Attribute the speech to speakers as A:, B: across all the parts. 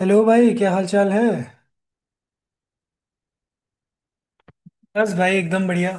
A: Hello भाई, क्या हाल चाल है। बस भाई एकदम बढ़िया।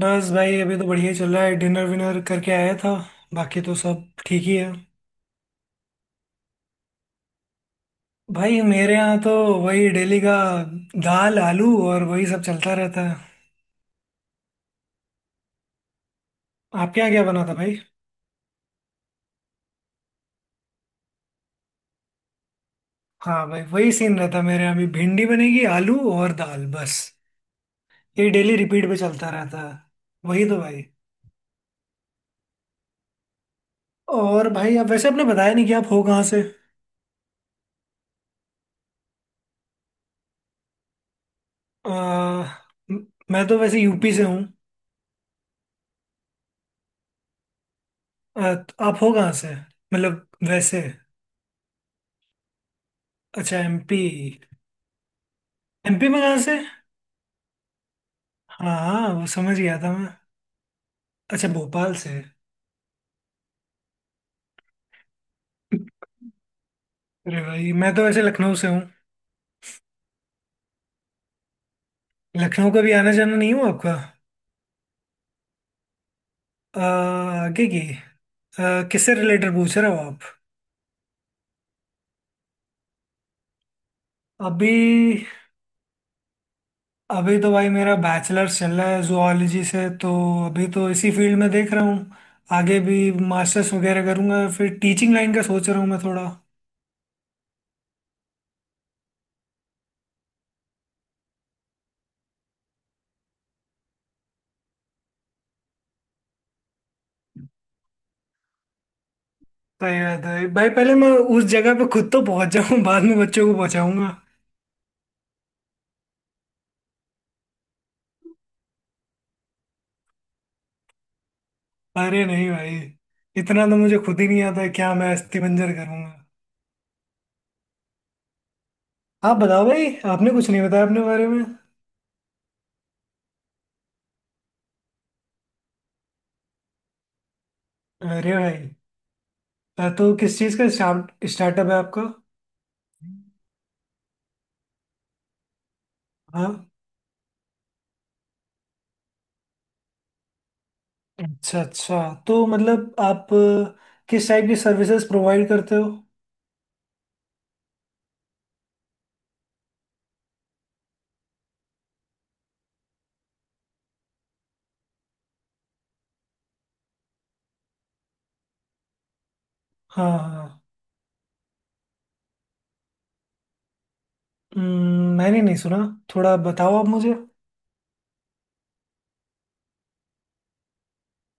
A: बस भाई अभी तो बढ़िया चल रहा है, डिनर विनर करके आया था। बाकी तो सब ठीक ही है। भाई मेरे यहाँ तो वही डेली का दाल आलू और वही सब चलता रहता है। आपके यहाँ क्या बना था भाई? हाँ भाई, वही सीन रहता है, मेरे यहाँ भी भिंडी बनेगी, आलू और दाल बस। ये डेली रिपीट पे चलता रहता है। वही तो भाई। और भाई आप वैसे आपने बताया नहीं कि आप हो कहाँ से। आ, म- मैं तो वैसे यूपी से हूँ। तो आप हो कहाँ से, मतलब वैसे। अच्छा एमपी, एमपी में कहाँ से? हाँ हाँ, वो समझ गया था मैं। अच्छा भोपाल से। अरे भाई मैं तो वैसे लखनऊ से हूँ। लखनऊ का भी आना जाना नहीं हुआ आपका? अ, आगे की? किससे रिलेटेड पूछ रहे हो आप? अभी, अभी तो भाई मेरा बैचलर्स चल रहा है जुआलॉजी से, तो अभी तो इसी फील्ड में देख रहा हूँ। आगे भी मास्टर्स वगैरह करूँगा, फिर टीचिंग लाइन का सोच रहा हूँ मैं थोड़ा। सही बात है भाई, पहले मैं उस जगह पे खुद तो पहुंच जाऊं, बाद में बच्चों को पहुंचाऊंगा। अरे नहीं भाई, इतना तो मुझे खुद ही नहीं आता है, क्या मैं अस्थि पंजर करूंगा। आप बताओ भाई, आपने कुछ नहीं बताया अपने बारे में। अरे भाई, तो किस चीज़ का स्टार्टअप है आपका? हाँ। अच्छा अच्छा, तो मतलब आप किस टाइप की सर्विसेज प्रोवाइड करते हो? हाँ हाँ। मैंने नहीं सुना, थोड़ा बताओ आप मुझे।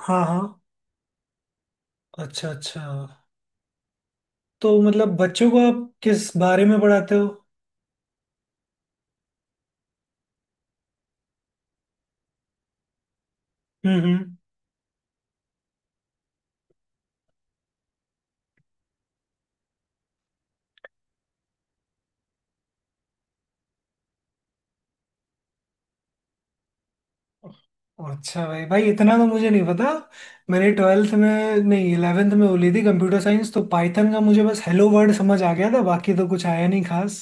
A: हाँ हाँ। अच्छा अच्छा, तो मतलब बच्चों को आप किस बारे में पढ़ाते हो? हम्म हम्म। अच्छा भाई, भाई इतना तो मुझे नहीं पता। मैंने ट्वेल्थ में नहीं, इलेवेंथ में वो ली थी कंप्यूटर साइंस, तो पाइथन का मुझे बस हेलो वर्ड समझ आ गया था, बाकी तो कुछ आया नहीं खास।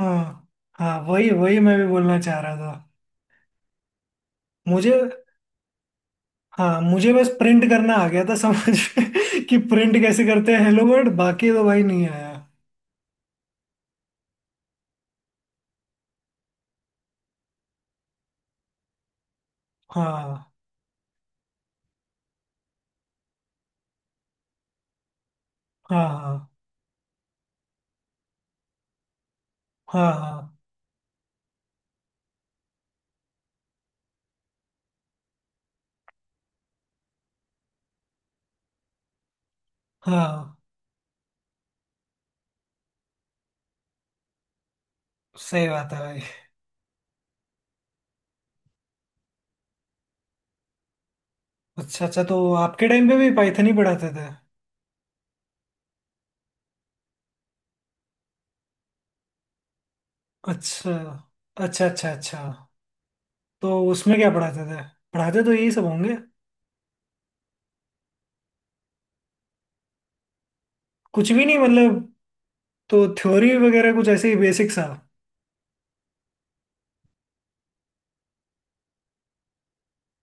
A: हाँ, हाँ वही वही मैं भी बोलना चाह रहा था। मुझे, हाँ मुझे बस प्रिंट करना आ गया था समझ में कि प्रिंट कैसे करते हैं हेलो वर्ड, बाकी तो भाई नहीं आया। हाँ हाँ। हाँ हाँ। हाँ हाँ। सही बात है भाई। अच्छा अच्छा, तो आपके टाइम पे भी पाइथन ही पढ़ाते थे? अच्छा। अच्छा अच्छा अच्छा। तो उसमें क्या पढ़ाते थे? पढ़ाते तो यही सब होंगे। कुछ भी नहीं मतलब? तो थ्योरी वगैरह कुछ ऐसे ही बेसिक सा?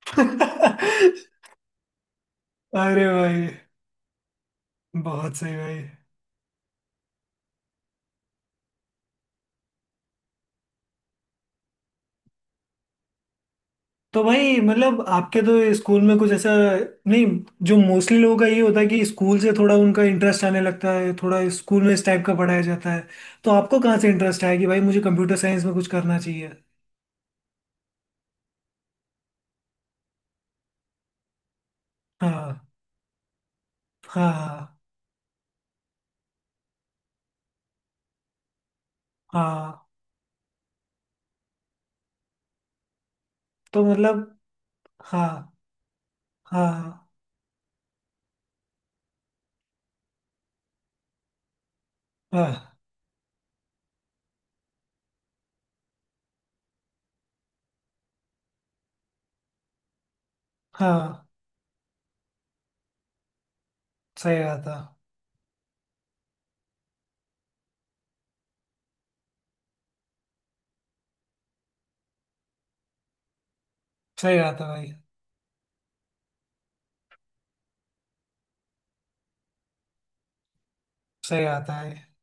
A: अरे भाई, बहुत सही भाई। तो भाई मतलब आपके तो स्कूल में कुछ ऐसा नहीं? जो मोस्टली लोगों का ये होता है कि स्कूल से थोड़ा उनका इंटरेस्ट आने लगता है, थोड़ा स्कूल में इस टाइप का पढ़ाया जाता है, तो आपको कहाँ से इंटरेस्ट आया कि भाई मुझे कंप्यूटर साइंस में कुछ करना चाहिए? हाँ। हाँ हाँ हाँ। तो मतलब, हाँ हाँ हाँ। हाँ हाँ सही आता। सही आता भाई। सही आता है,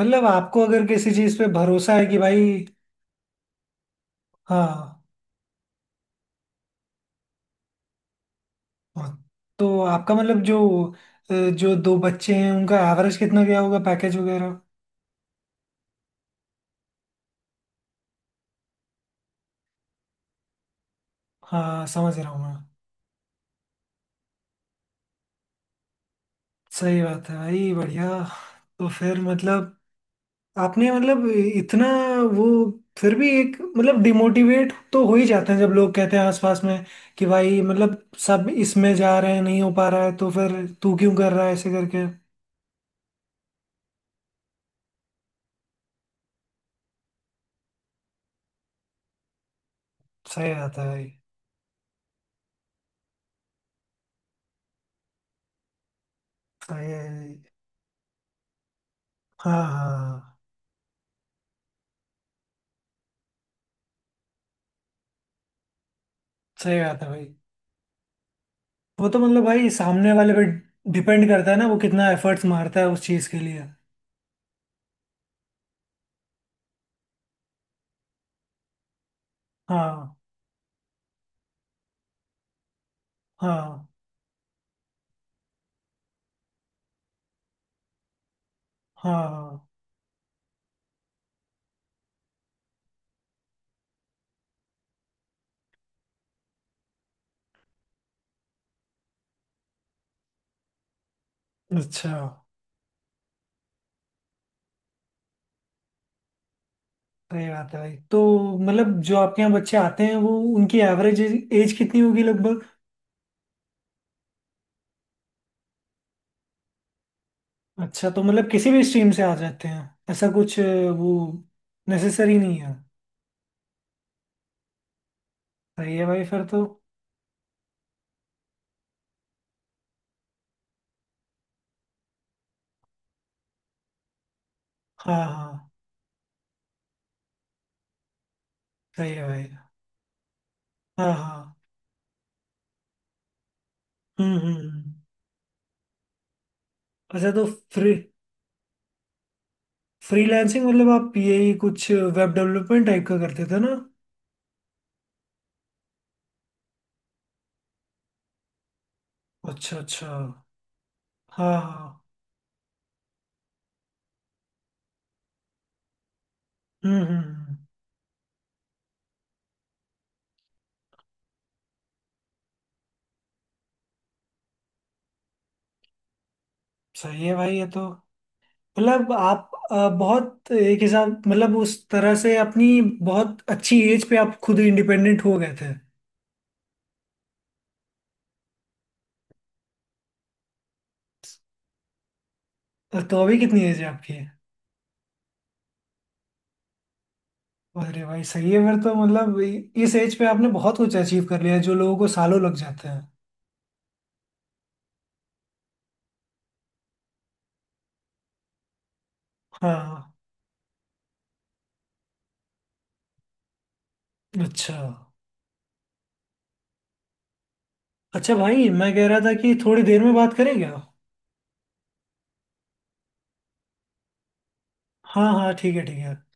A: मतलब आपको अगर किसी चीज पे भरोसा है कि भाई। हाँ, हाँ, तो आपका मतलब जो जो दो बच्चे हैं उनका एवरेज कितना गया होगा, पैकेज वगैरह? हाँ समझ रहा हूँ मैं। सही बात है भाई, बढ़िया। तो फिर मतलब, आपने मतलब, इतना वो, फिर भी एक मतलब डिमोटिवेट तो हो ही जाते हैं जब लोग कहते हैं आसपास में, कि भाई मतलब सब इसमें जा रहे हैं, नहीं हो पा रहा है, तो फिर तू क्यों कर रहा है ऐसे करके। सही बात है भाई। सही है भाई। हाँ हाँ। सही बात है भाई, वो तो मतलब भाई सामने वाले पे डिपेंड करता है ना, वो कितना एफर्ट्स मारता है उस चीज के लिए। हाँ। हाँ हाँ। अच्छा। सही बात है भाई, तो मतलब जो आपके यहाँ बच्चे आते हैं, वो उनकी एवरेज एज कितनी होगी लगभग? अच्छा तो मतलब किसी भी स्ट्रीम से आ जाते हैं, ऐसा कुछ वो नेसेसरी नहीं है? सही है भाई फिर तो। हाँ हाँ। सही है भाई। हाँ हाँ। हम्म हम्म हम्म। अच्छा, तो फ्री फ्रीलांसिंग मतलब आप यही कुछ वेब डेवलपमेंट टाइप का करते थे ना? अच्छा अच्छा। हाँ हाँ। हम्म हम्म हम्म। सही है भाई ये तो, मतलब आप बहुत एक हिसाब, मतलब उस तरह से अपनी बहुत अच्छी एज पे आप खुद इंडिपेंडेंट हो गए थे। तो अभी कितनी एज है आपकी? अरे भाई सही है फिर तो, मतलब इस एज पे आपने बहुत कुछ अचीव कर लिया है जो लोगों को सालों लग जाते हैं। हाँ। अच्छा। अच्छा भाई मैं कह रहा था कि थोड़ी देर में बात करें क्या? हाँ हाँ ठीक है ठीक है।